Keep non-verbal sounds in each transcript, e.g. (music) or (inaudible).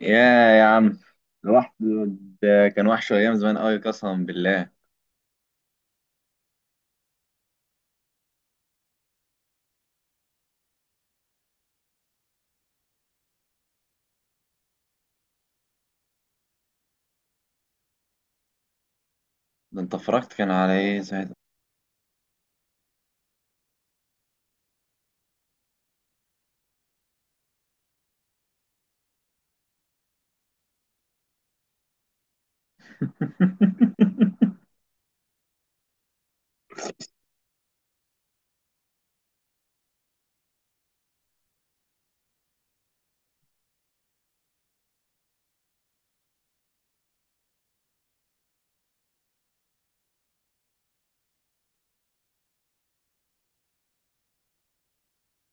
يا يا عم الواحد ده كان وحش ايام زمان قوي قسما بالله. ده انت فرجت كان على ايه ساعتها؟ (laughs)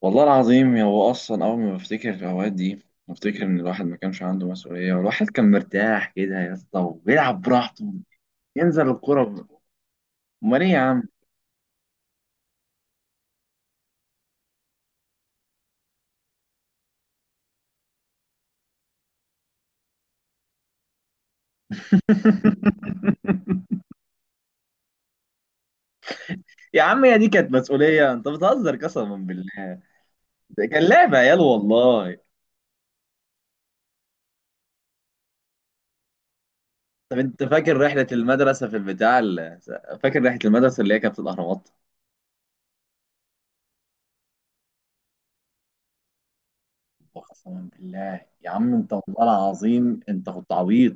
والله العظيم هو اصلا اول ما بفتكر الاوقات دي بفتكر ان الواحد ما كانش عنده مسؤوليه، والواحد كان مرتاح كده يا اسطى وبيلعب براحته، ينزل الكوره. امال ايه يا عم. (laughs) يا عم يا دي كانت مسؤوليه، انت بتهزر قسما بالله، ده كان لعب عيال والله. طب انت فاكر رحلة المدرسة في فاكر رحلة المدرسة اللي هي كانت في الأهرامات؟ وقسما بالله يا عم انت، والله العظيم انت كنت عبيط.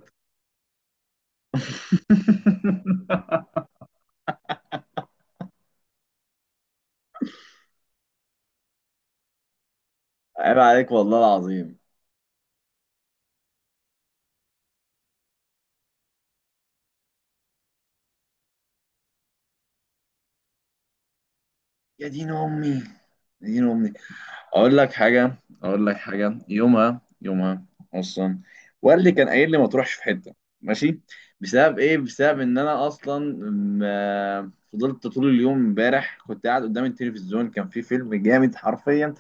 عيب عليك والله العظيم. يا دين أمي، يا دين أمي. أقول لك حاجة، أقول لك حاجة، يومها أصلا والدي كان قايل لي ما تروحش في حتة، ماشي. بسبب إيه؟ بسبب إن أنا أصلا ما فضلت طول اليوم امبارح، كنت قاعد قدام التلفزيون، كان في فيلم جامد حرفيا.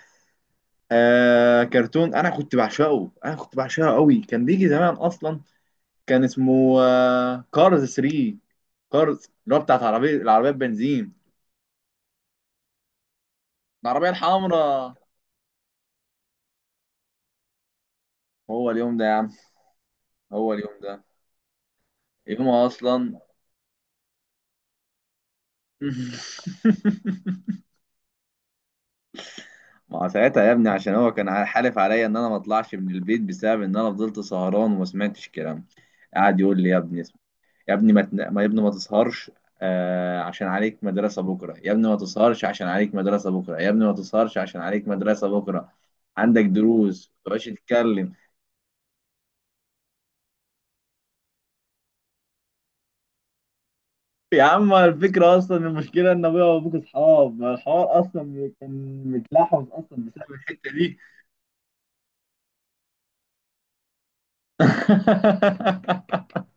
آه، كرتون انا كنت بعشقه، قوي، كان بيجي زمان اصلا. كان اسمه كارز 3. كارز اللي هو بتاعت عربية، بنزين، العربية الحمراء. هو اليوم ده يا عم، هو اليوم ده يوم اصلا. (laughs) ما هو ساعتها يا ابني عشان هو كان حالف عليا ان انا ما اطلعش من البيت بسبب ان انا فضلت سهران وما سمعتش كلام. قعد يقول لي يا ابني، يا ابني، ما تن- ما- يا ابني ما تسهرش. عشان عليك مدرسة بكرة، يا ابني ما تسهرش عشان عليك مدرسة بكرة، يا ابني ما تسهرش عشان عليك مدرسة بكرة، عندك دروس ما تبقاش تتكلم. يا عم الفكرة أصلا، المشكلة إن أبويا وأبوك أصحاب، ما الحوار أصلا كان متلحوظ أصلا بسبب الحتة دي. (laughs)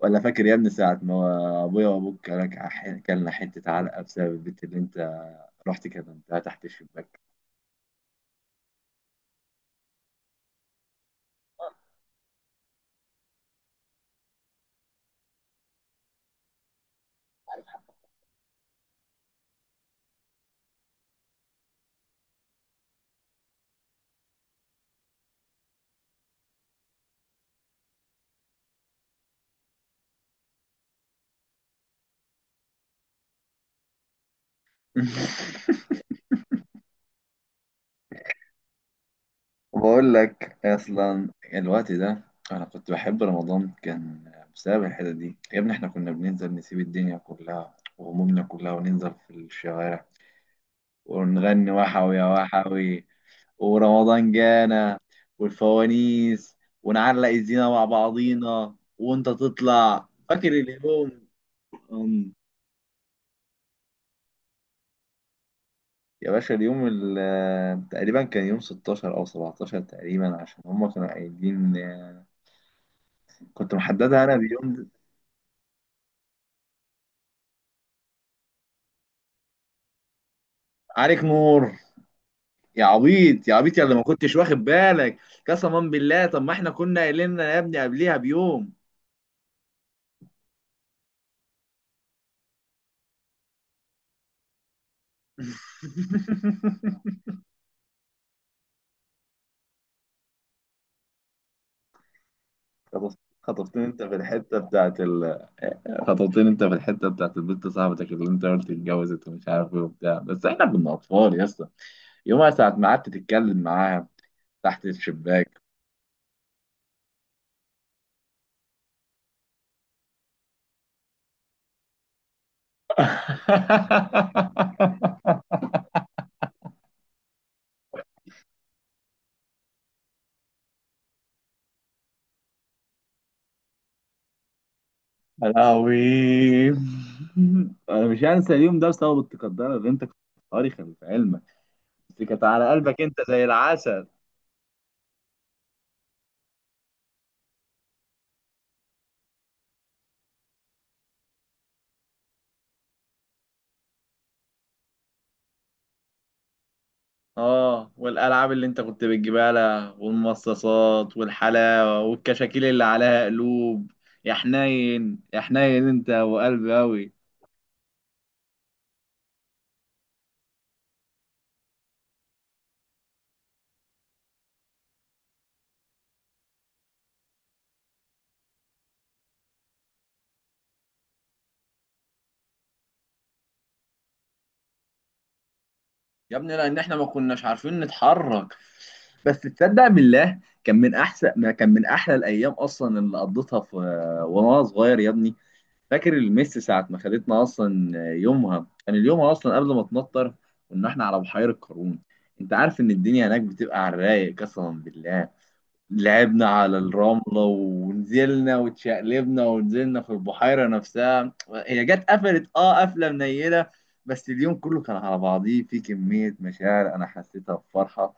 ولا فاكر يا ابني ساعة ما أبويا وأبوك كلك، كلنا حتة علقة بسبب البنت اللي أنت رحت كلمتها تحت الشباك. (laughs) وبقول لك اصلا الوقت ده انا كنت بحب رمضان، كان بسبب الحته دي يا ابني. احنا كنا بننزل نسيب الدنيا كلها وهمومنا كلها، وننزل في الشوارع ونغني وحوي يا وحوي، ورمضان جانا، والفوانيس، ونعلق الزينة مع بعضينا. وانت تطلع فاكر اليوم؟ أم، يا باشا اليوم تقريبا كان يوم 16 او 17 تقريبا، عشان هما كانوا قايلين، كنت محددها انا بيوم. عليك نور يا عبيط، يا عبيط، يا اللي ما كنتش واخد بالك. قسما بالله طب ما احنا كنا قايلين يا ابني قبليها بيوم. (laughs) خطفتني انت في الحته بتاعت خطفتني انت في الحته بتاعت البنت صاحبتك اللي انت قلت اتجوزت ومش عارف ايه وبتاع، بس احنا كنا اطفال يا اسطى. يومها ساعه ما قعدت تتكلم معاها تحت الشباك. (laughs) يا لهوي. انا مش هنسى اليوم ده بسبب التقدير اللي انت كنت قاري، خلي في علمك، دي كانت على قلبك، انت زي العسل. اه، والالعاب اللي انت كنت بتجيبها لها، والمصاصات والحلاوه، والكشاكيل اللي عليها قلوب. يا حنين يا حنين، انت وقلبي قوي. يا ابني لان احنا ما كناش عارفين نتحرك، بس تصدق بالله كان من احسن ما كان، من احلى الايام اصلا اللي قضيتها في وانا صغير يا ابني. فاكر الميس ساعة ما خدتنا؟ أصلا يومها كان اليوم أصلا قبل ما تمطر. كنا إحنا على بحيرة قارون. أنت عارف إن الدنيا هناك بتبقى على الرايق قسما بالله. لعبنا على الرملة ونزلنا واتشقلبنا، ونزلنا في البحيرة نفسها. هي جت قفلت قفلة منيلة، بس اليوم كله كان على بعضيه، في كمية مشاعر أنا حسيتها بفرحة.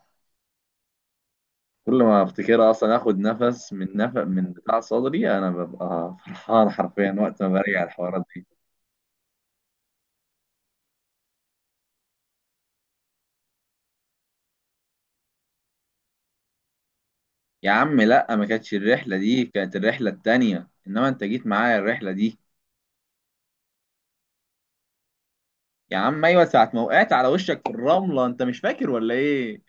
كل ما أفتكرها أصلا آخد نفس من نفق من بتاع صدري، أنا ببقى فرحان حرفيا وقت ما برجع الحوارات دي. يا عم لا، ما كانتش الرحلة دي، كانت الرحلة التانية، انما انت جيت معايا الرحلة دي. يا عم ايوه، ساعة ما وقعت على وشك في الرملة، انت مش فاكر ولا ايه؟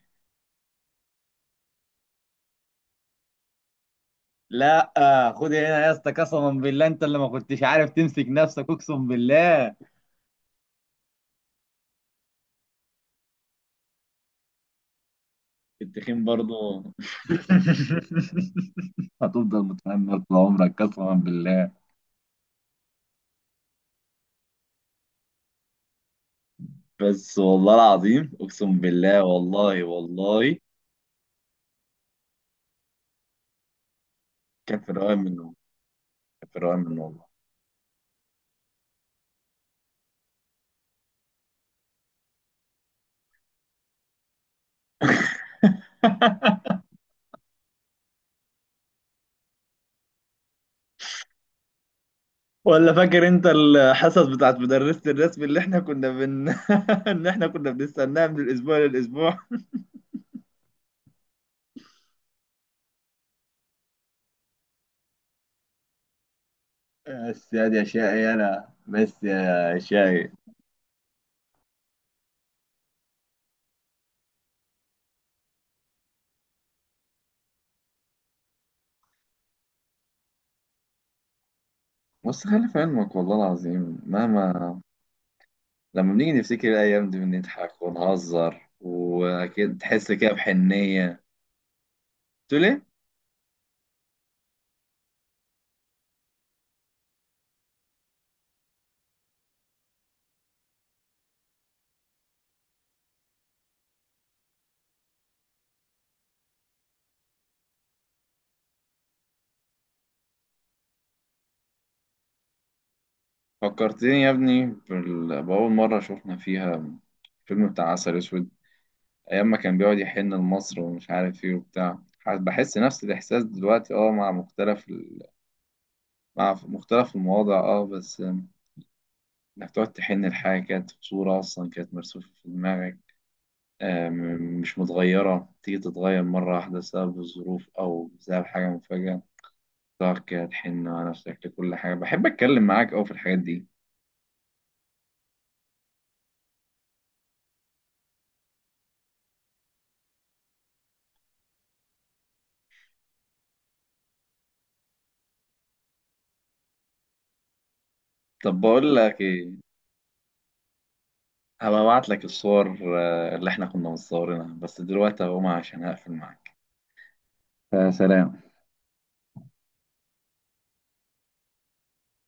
لا، خد هنا يا اسطى قسما بالله، انت اللي ما كنتش عارف تمسك نفسك، اقسم بالله. كنت تخين برضه. (laughs) هتفضل متنمر طول عمرك قسما بالله. بس والله العظيم اقسم بالله، والله والله. كان في الرواية منه، كان في الرواية منه والله. (laughs) ولا فاكر انت الحصص بتاعت مدرسة الرسم اللي احنا كنا بن (laughs) ان احنا كنا بنستناها من الاسبوع للاسبوع. بس هذه أشياء يا شقي، أنا بس يا شاي. بص خلي في علمك والله العظيم، مهما لما بنيجي نفتكر الأيام دي بنضحك ونهزر، وأكيد تحس كده بحنية. تقول إيه؟ فكرتني يا ابني بأول مرة شفنا فيها فيلم بتاع عسل أسود، ايام ما كان بيقعد يحن لمصر ومش عارف ايه وبتاع. بحس نفس الاحساس دلوقتي، اه، مع مختلف مع مختلف المواضع، اه، بس انك تقعد تحن لحاجه كانت في صوره اصلا كانت مرسومه في دماغك، آم، مش متغيره، تيجي تتغير مره واحده بسبب الظروف او بسبب حاجه مفاجاه، تقعد كده تحن على نفسك لكل حاجه. بحب اتكلم معاك اوي في الحاجات دي. طب بقول لك ايه، هبقى ابعت لك الصور اللي احنا كنا مصورينها، بس دلوقتي هقوم عشان هقفل معاك. فسلام.